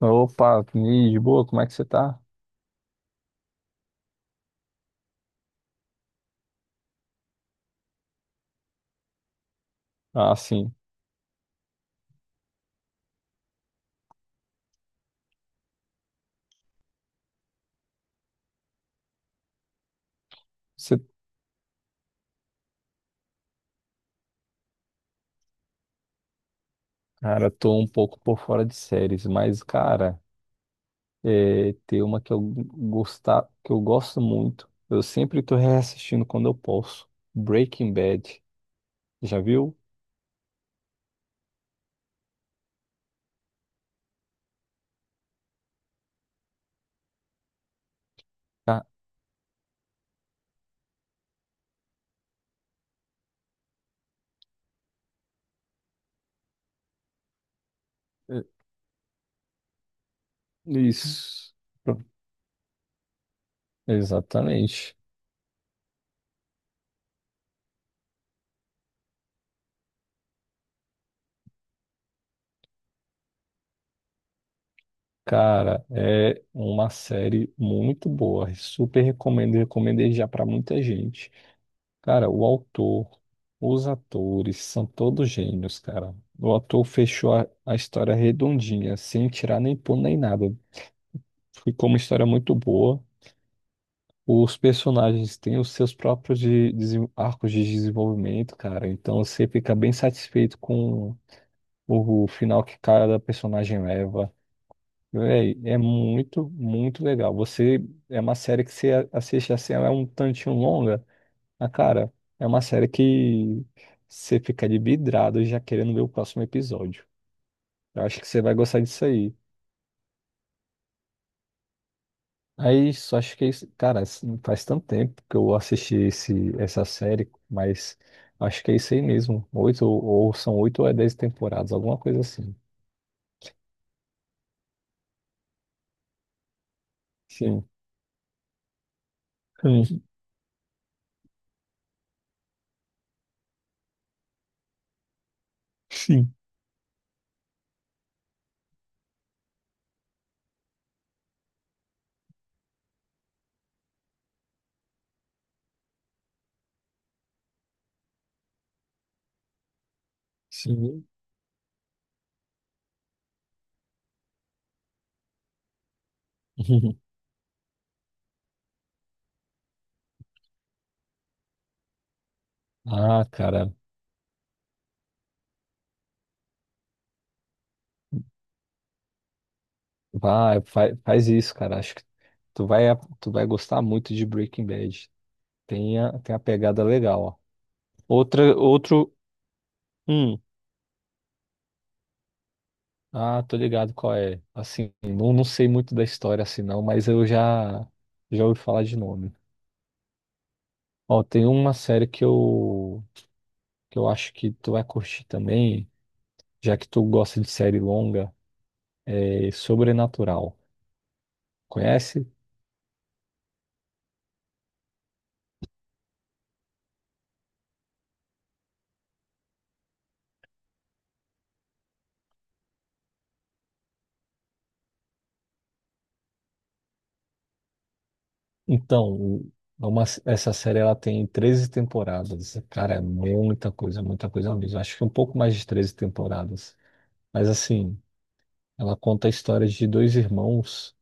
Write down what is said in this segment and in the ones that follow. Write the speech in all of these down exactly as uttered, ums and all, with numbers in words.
Opa, e de boa, como é que você tá? Ah, sim. Você, cara, tô um pouco por fora de séries, mas, cara, é, tem uma que eu gostar, que eu gosto muito. Eu sempre tô reassistindo quando eu posso. Breaking Bad. Já viu? Ah, é, isso. Pro- Exatamente. Cara, é uma série muito boa. Super recomendo, recomendei já pra muita gente. Cara, o autor, os atores são todos gênios, cara. O autor fechou a, a história redondinha, sem tirar nem pôr nem nada. Ficou uma história muito boa. Os personagens têm os seus próprios de- desen- arcos de desenvolvimento, cara. Então você fica bem satisfeito com o, o final que cada personagem leva. Véi, é muito, muito legal. Você é uma série que você a- assiste assim, ela é um tantinho longa. Ah, cara, é uma série que você fica de vidrado já querendo ver o próximo episódio. Eu acho que você vai gostar disso aí. Aí, só acho que, é isso- cara, isso faz tanto tempo que eu assisti esse, essa série, mas acho que é isso aí mesmo. Oito, ou ou são oito ou é dez temporadas, alguma coisa assim. Sim. Hum, sim. Sim. Ah, cara, vai, faz, faz isso, cara. Acho que tu vai, tu vai gostar muito de Breaking Bad. Tem a, tem a pegada legal, ó. Outra, outro. Hum. Ah, tô ligado qual é. Assim, não, não sei muito da história assim, não, mas eu já, já ouvi falar de nome. Ó, tem uma série que eu, que eu acho que tu vai curtir também, já que tu gosta de série longa, é Sobrenatural. Conhece? Então, o- é uma, essa série ela tem treze temporadas. Cara, é muita coisa, muita coisa mesmo. Acho que um pouco mais de treze temporadas. Mas assim, ela conta a história de dois irmãos.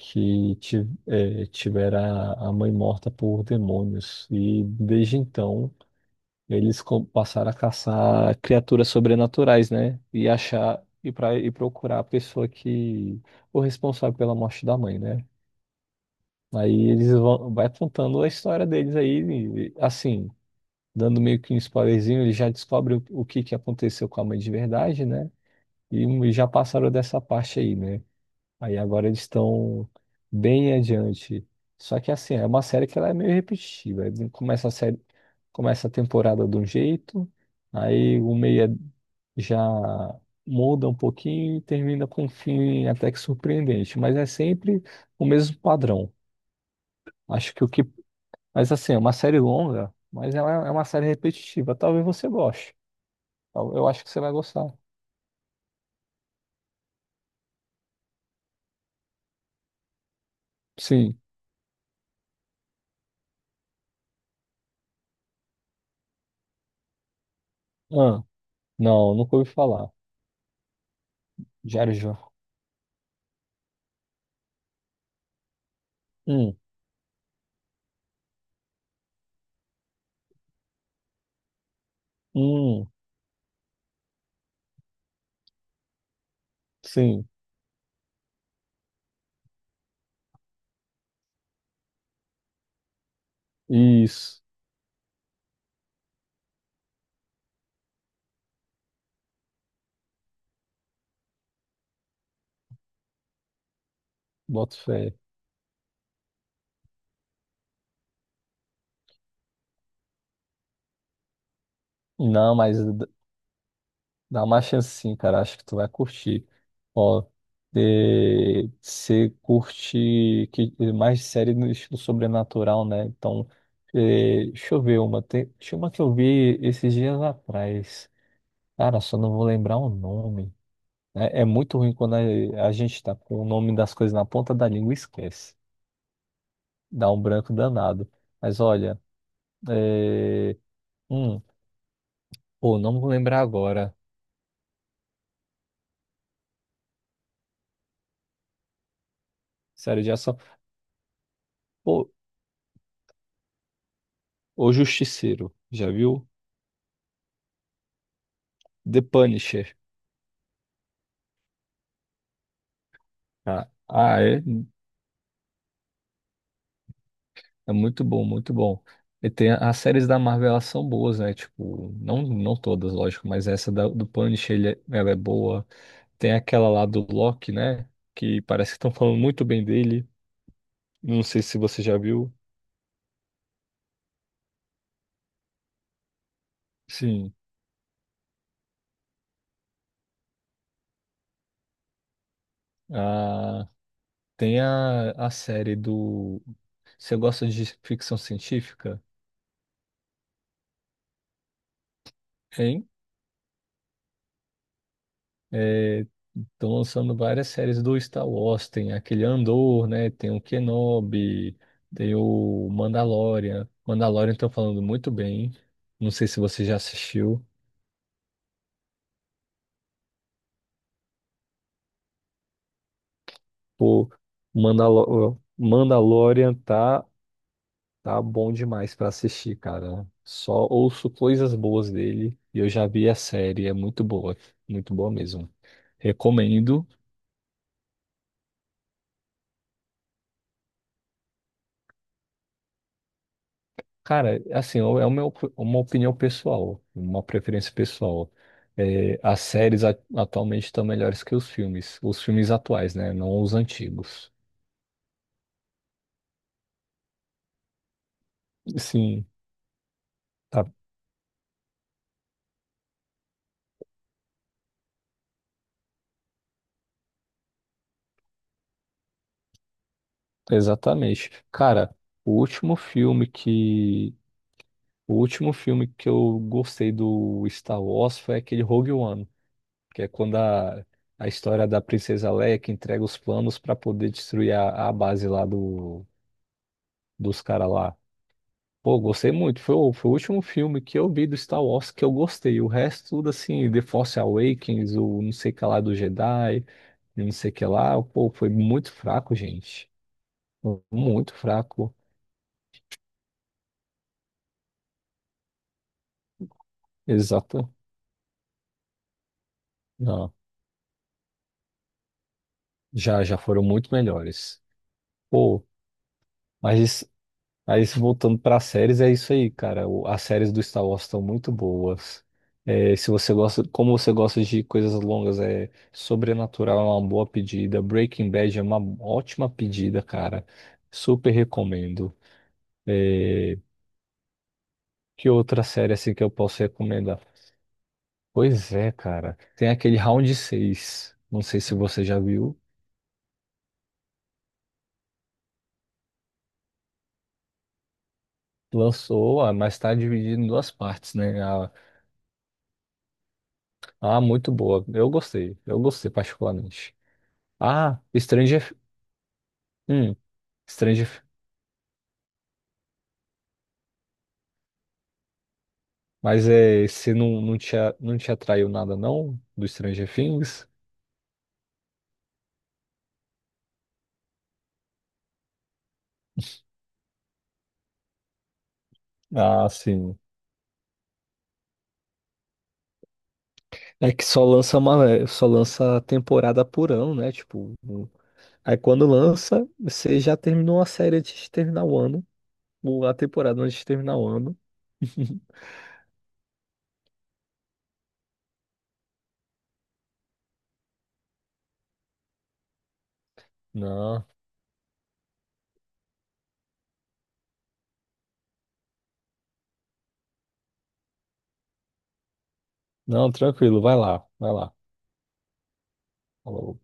que ti- eh, tivera a mãe morta por demônios. E desde então, eles co- passaram a caçar criaturas sobrenaturais, né? E achar e para e procurar a pessoa que o responsável pela morte da mãe, né? Aí eles vão vai contando a história deles aí, e, assim, dando meio que um spoilerzinho, eles já descobrem o, o que que aconteceu com a mãe de verdade, né? E já passaram dessa parte aí, né? Aí agora eles estão bem adiante. Só que assim, é uma série que ela é meio repetitiva. Ele começa a série, começa a temporada de um jeito, aí o meia já muda um pouquinho e termina com um fim até que surpreendente. Mas é sempre o mesmo padrão. Acho que o que. Mas assim, é uma série longa, mas ela é uma série repetitiva. Talvez você goste. Tal- Eu acho que você vai gostar. Sim. Ah, não, nunca ouvi falar. Diário de. Hum, hum, sim. Isso, boto fé. Não, mas d- dá uma chance sim, cara. Acho que tu vai curtir. Ó, eh, você curte que, mais série no estilo sobrenatural, né? Então, eh, deixa eu ver uma. Tem, tinha uma que eu vi esses dias atrás. Cara, só não vou lembrar o nome. É, é muito ruim quando a, a gente tá com o nome das coisas na ponta da língua e esquece. Dá um branco danado. Mas olha, eh, hum, pô, não vou lembrar agora. Série de ação. Pô, O Justiceiro, já viu? The Punisher. Ah, ah, é, é muito bom, muito bom. E tem as séries da Marvel, elas são boas, né? Tipo, não, não todas, lógico, mas essa da- do Punisher, ele é- ela é boa. Tem aquela lá do Loki, né? Que parece que estão falando muito bem dele. Não sei se você já viu. Sim. Ah, tem a, a série do. Você gosta de ficção científica? Hein? Estão lançando várias séries do Star Wars, tem aquele Andor, né? Tem o Kenobi, tem o Mandalorian. Mandalorian estão falando muito bem. Não sei se você já assistiu. Pô, Mandalo Mandalorian tá, tá bom demais pra assistir, cara. Só ouço coisas boas dele e eu já vi a série, é muito boa, muito boa mesmo. Recomendo. Cara, assim, é uma, op- uma opinião pessoal, uma preferência pessoal. É, as séries a- atualmente estão melhores que os filmes, os filmes atuais, né? Não os antigos. Sim, tá, exatamente. Cara, o último filme que, o último filme que eu gostei do Star Wars foi aquele Rogue One, que é quando a, a história da Princesa Leia que entrega os planos para poder destruir a, a base lá do, dos caras lá. Pô, eu gostei muito. Foi o, foi o último filme que eu vi do Star Wars que eu gostei. O resto, tudo assim, The Force Awakens, o não sei o que lá do Jedi, não sei o que lá, pô, foi muito fraco, gente. Muito fraco. Exato. Não, já, já foram muito melhores. Pô, mas aí, se voltando para séries, é isso aí, cara. O- As séries do Star Wars estão muito boas. É, se você gosta, como você gosta de coisas longas, é Sobrenatural é uma boa pedida. Breaking Bad é uma ótima pedida, cara. Super recomendo. É, que outra série assim que eu posso recomendar? Pois é, cara. Tem aquele Round seis. Não sei se você já viu. Lançou, ah, mas tá dividido em duas partes, né? Ah, ah, muito boa. Eu gostei. Eu gostei particularmente. Ah, Stranger hum, Stranger. Mas é, você não, não te, a- não te atraiu nada, não? Do Stranger Things? Ah, sim. É que só lança uma, eh, só lança temporada por ano, né? Tipo, um- aí quando lança, você já terminou a série antes de terminar o ano, ou a temporada antes de terminar o ano. Não, não, tranquilo, vai lá, vai lá. Falou.